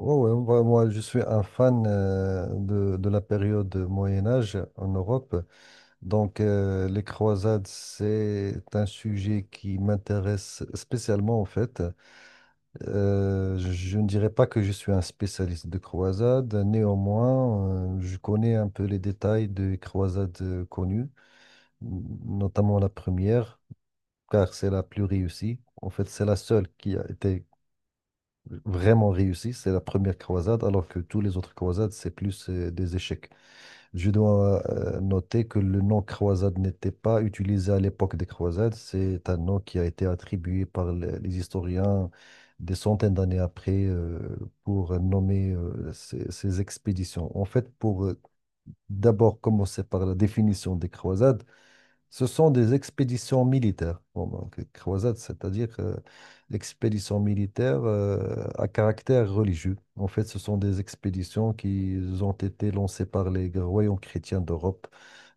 Oh, ouais, moi, je suis un fan de la période Moyen Âge en Europe. Donc, les croisades, c'est un sujet qui m'intéresse spécialement, en fait. Je ne dirais pas que je suis un spécialiste de croisades. Néanmoins, je connais un peu les détails des croisades connues, notamment la première, car c'est la plus réussie. En fait, c'est la seule qui a été vraiment réussi, c'est la première croisade, alors que tous les autres croisades, c'est plus des échecs. Je dois noter que le nom croisade n'était pas utilisé à l'époque des croisades, c'est un nom qui a été attribué par les historiens des centaines d'années après pour nommer ces expéditions. En fait, pour d'abord commencer par la définition des croisades, ce sont des expéditions militaires. Bon, donc, croisades, c'est-à-dire expéditions militaires à caractère religieux. En fait, ce sont des expéditions qui ont été lancées par les royaumes chrétiens d'Europe,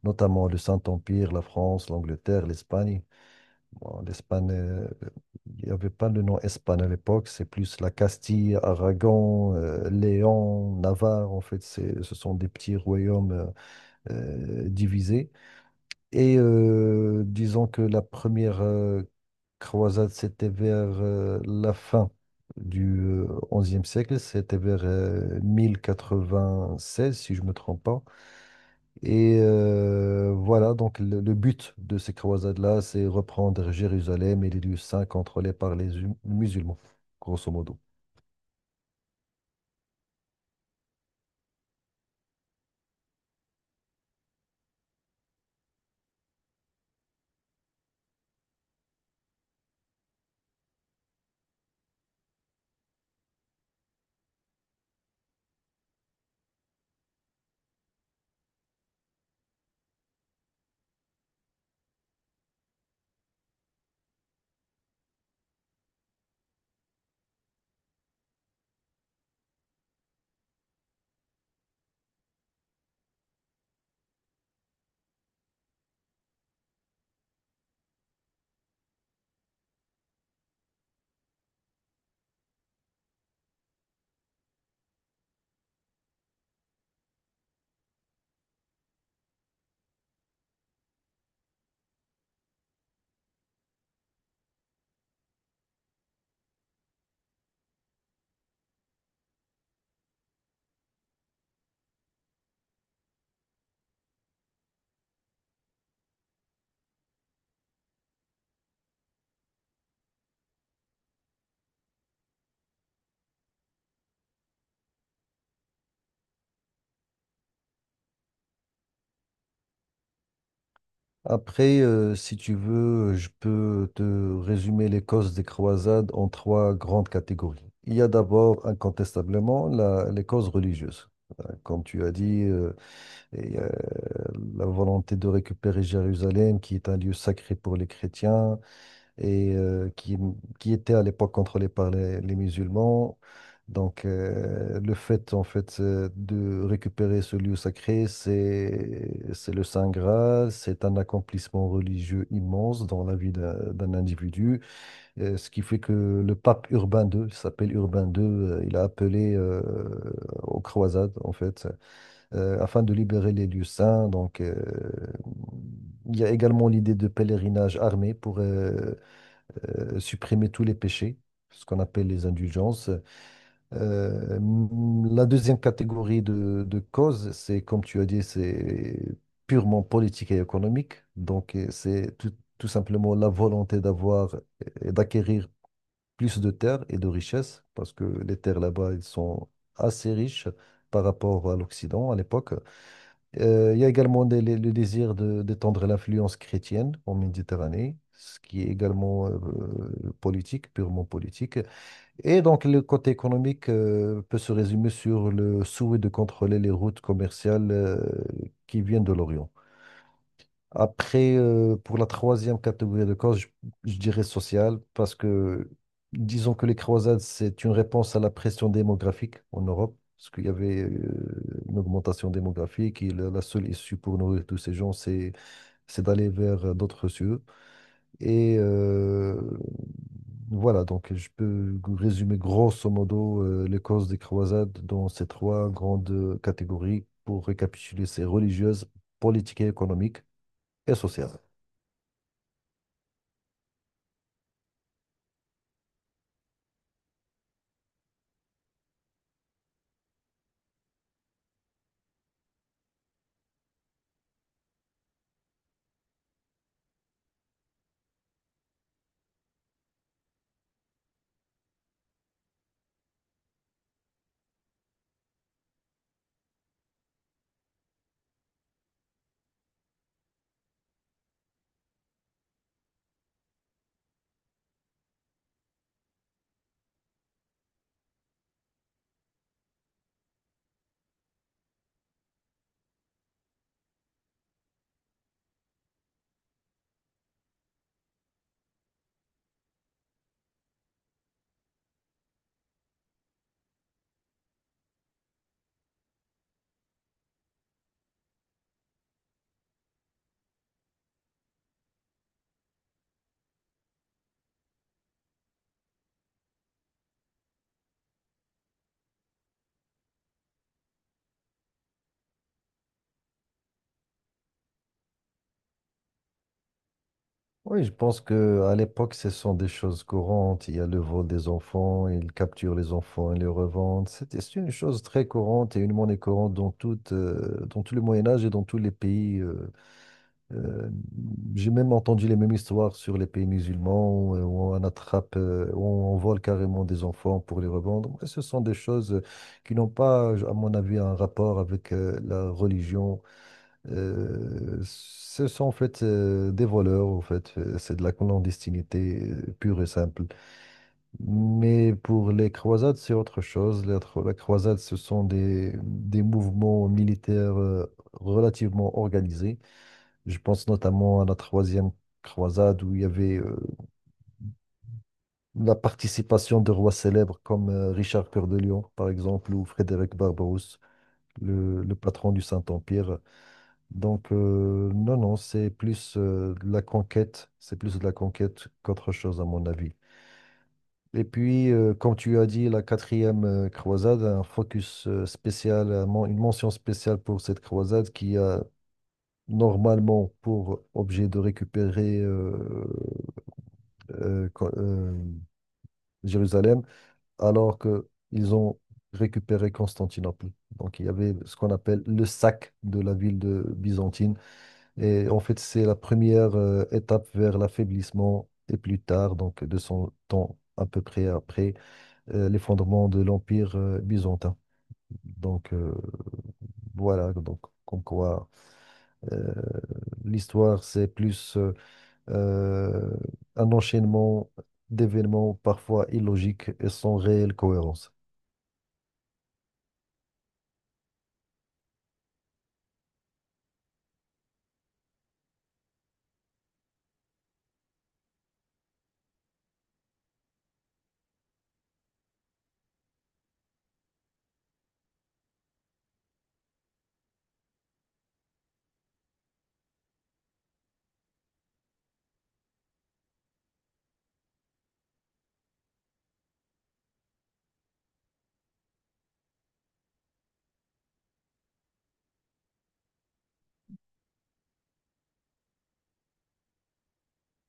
notamment le Saint-Empire, la France, l'Angleterre, l'Espagne. Bon, l'Espagne, il n'y avait pas le nom Espagne à l'époque, c'est plus la Castille, Aragon, Léon, Navarre. En fait, ce sont des petits royaumes divisés et disons que la première croisade, c'était vers la fin du 11e siècle, c'était vers 1096, si je ne me trompe pas. Et voilà, donc le but de ces croisades-là, c'est reprendre Jérusalem et les lieux saints contrôlés par les musulmans, grosso modo. Après, si tu veux, je peux te résumer les causes des croisades en trois grandes catégories. Il y a d'abord, incontestablement, les causes religieuses. Comme tu as dit, et la volonté de récupérer Jérusalem, qui est un lieu sacré pour les chrétiens, et qui était à l'époque contrôlé par les musulmans. Donc, le fait, en fait, de récupérer ce lieu sacré, c'est le Saint Graal, c'est un accomplissement religieux immense dans la vie d'un individu. Ce qui fait que le pape Urbain II, il s'appelle Urbain II, il a appelé aux croisades, en fait, afin de libérer les lieux saints. Donc, il y a également l'idée de pèlerinage armé pour, supprimer tous les péchés, ce qu'on appelle les indulgences. Euh, la deuxième catégorie de causes, c'est, comme tu as dit, c'est purement politique et économique. Donc, c'est tout simplement la volonté d'avoir et d'acquérir plus de terres et de richesses, parce que les terres là-bas, elles sont assez riches par rapport à l'Occident à l'époque. Il y a également le d'étendre l'influence chrétienne en Méditerranée, ce qui est également politique, purement politique. Et donc le côté économique peut se résumer sur le souhait de contrôler les routes commerciales qui viennent de l'Orient. Après, pour la troisième catégorie de causes, je dirais sociale, parce que disons que les croisades, c'est une réponse à la pression démographique en Europe, parce qu'il y avait une augmentation démographique et la seule issue pour nourrir tous ces gens, c'est d'aller vers d'autres cieux. Et voilà, donc je peux résumer grosso modo les causes des croisades dans ces trois grandes catégories pour récapituler, c'est religieuse, politique et économique et sociale. Oui, je pense que à l'époque, ce sont des choses courantes. Il y a le vol des enfants, ils capturent les enfants et les revendent. C'est une chose très courante et une monnaie courante dans toute, dans tout le Moyen Âge et dans tous les pays. Euh, j'ai même entendu les mêmes histoires sur les pays musulmans où, où on attrape, où on vole carrément des enfants pour les revendre. Mais ce sont des choses qui n'ont pas, à mon avis, un rapport avec la religion ce sont en fait des voleurs, en fait. C'est de la clandestinité pure et simple. Mais pour les croisades, c'est autre chose. La croisade, ce sont des mouvements militaires relativement organisés. Je pense notamment à la troisième croisade où il y avait la participation de rois célèbres comme Richard Cœur de Lion, par exemple, ou Frédéric Barbarousse, le patron du Saint-Empire. Donc, non, c'est plus de la conquête, c'est plus de la conquête qu'autre chose, à mon avis. Et puis, comme tu as dit, la quatrième croisade, un focus spécial, une mention spéciale pour cette croisade qui a normalement pour objet de récupérer euh, Co- euh, Jérusalem, alors que ils ont récupéré Constantinople. Donc, il y avait ce qu'on appelle le sac de la ville de byzantine. Et en fait, c'est la première étape vers l'affaiblissement et plus tard, donc 200 ans à peu près après l'effondrement de l'Empire byzantin. Donc voilà, donc comme quoi euh, l'histoire, c'est plus euh, un enchaînement d'événements parfois illogiques et sans réelle cohérence.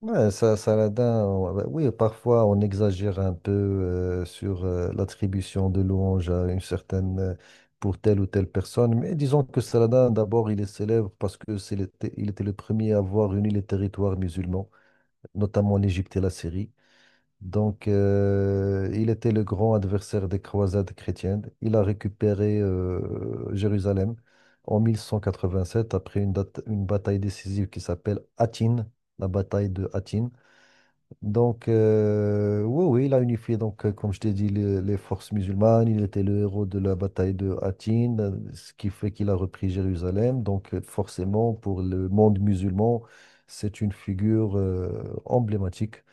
Ouais, ça, Saladin, bah oui, parfois on exagère un peu sur l'attribution de louanges à une certaine, pour telle ou telle personne, mais disons que Saladin, d'abord, il est célèbre parce que il était le premier à avoir réuni les territoires musulmans, notamment l'Égypte et la Syrie. Donc, il était le grand adversaire des croisades chrétiennes. Il a récupéré Jérusalem en 1187 après une bataille décisive qui s'appelle Hattin, la bataille de Hattin. Donc, oui, oui, il a unifié, donc, comme je t'ai dit, les forces musulmanes. Il était le héros de la bataille de Hattin, ce qui fait qu'il a repris Jérusalem. Donc, forcément, pour le monde musulman, c'est une figure, emblématique.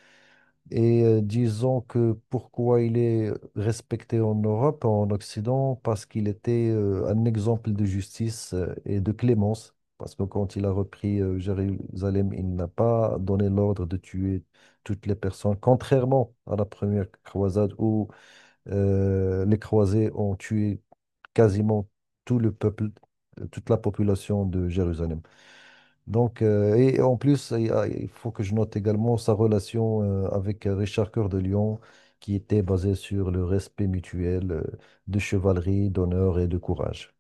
Et disons que pourquoi il est respecté en Europe, en Occident, parce qu'il était un exemple de justice et de clémence. Parce que quand il a repris Jérusalem, il n'a pas donné l'ordre de tuer toutes les personnes, contrairement à la première croisade où les croisés ont tué quasiment tout le peuple, toute la population de Jérusalem. Donc, et en plus, il faut que je note également sa relation avec Richard Cœur de Lion, qui était basée sur le respect mutuel de chevalerie, d'honneur et de courage.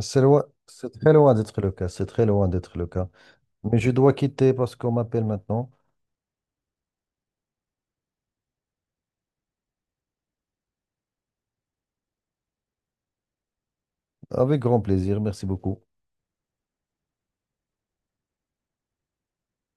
C'est loin, c'est très loin d'être le cas, c'est très loin d'être le cas. Mais je dois quitter parce qu'on m'appelle maintenant. Avec grand plaisir, merci beaucoup.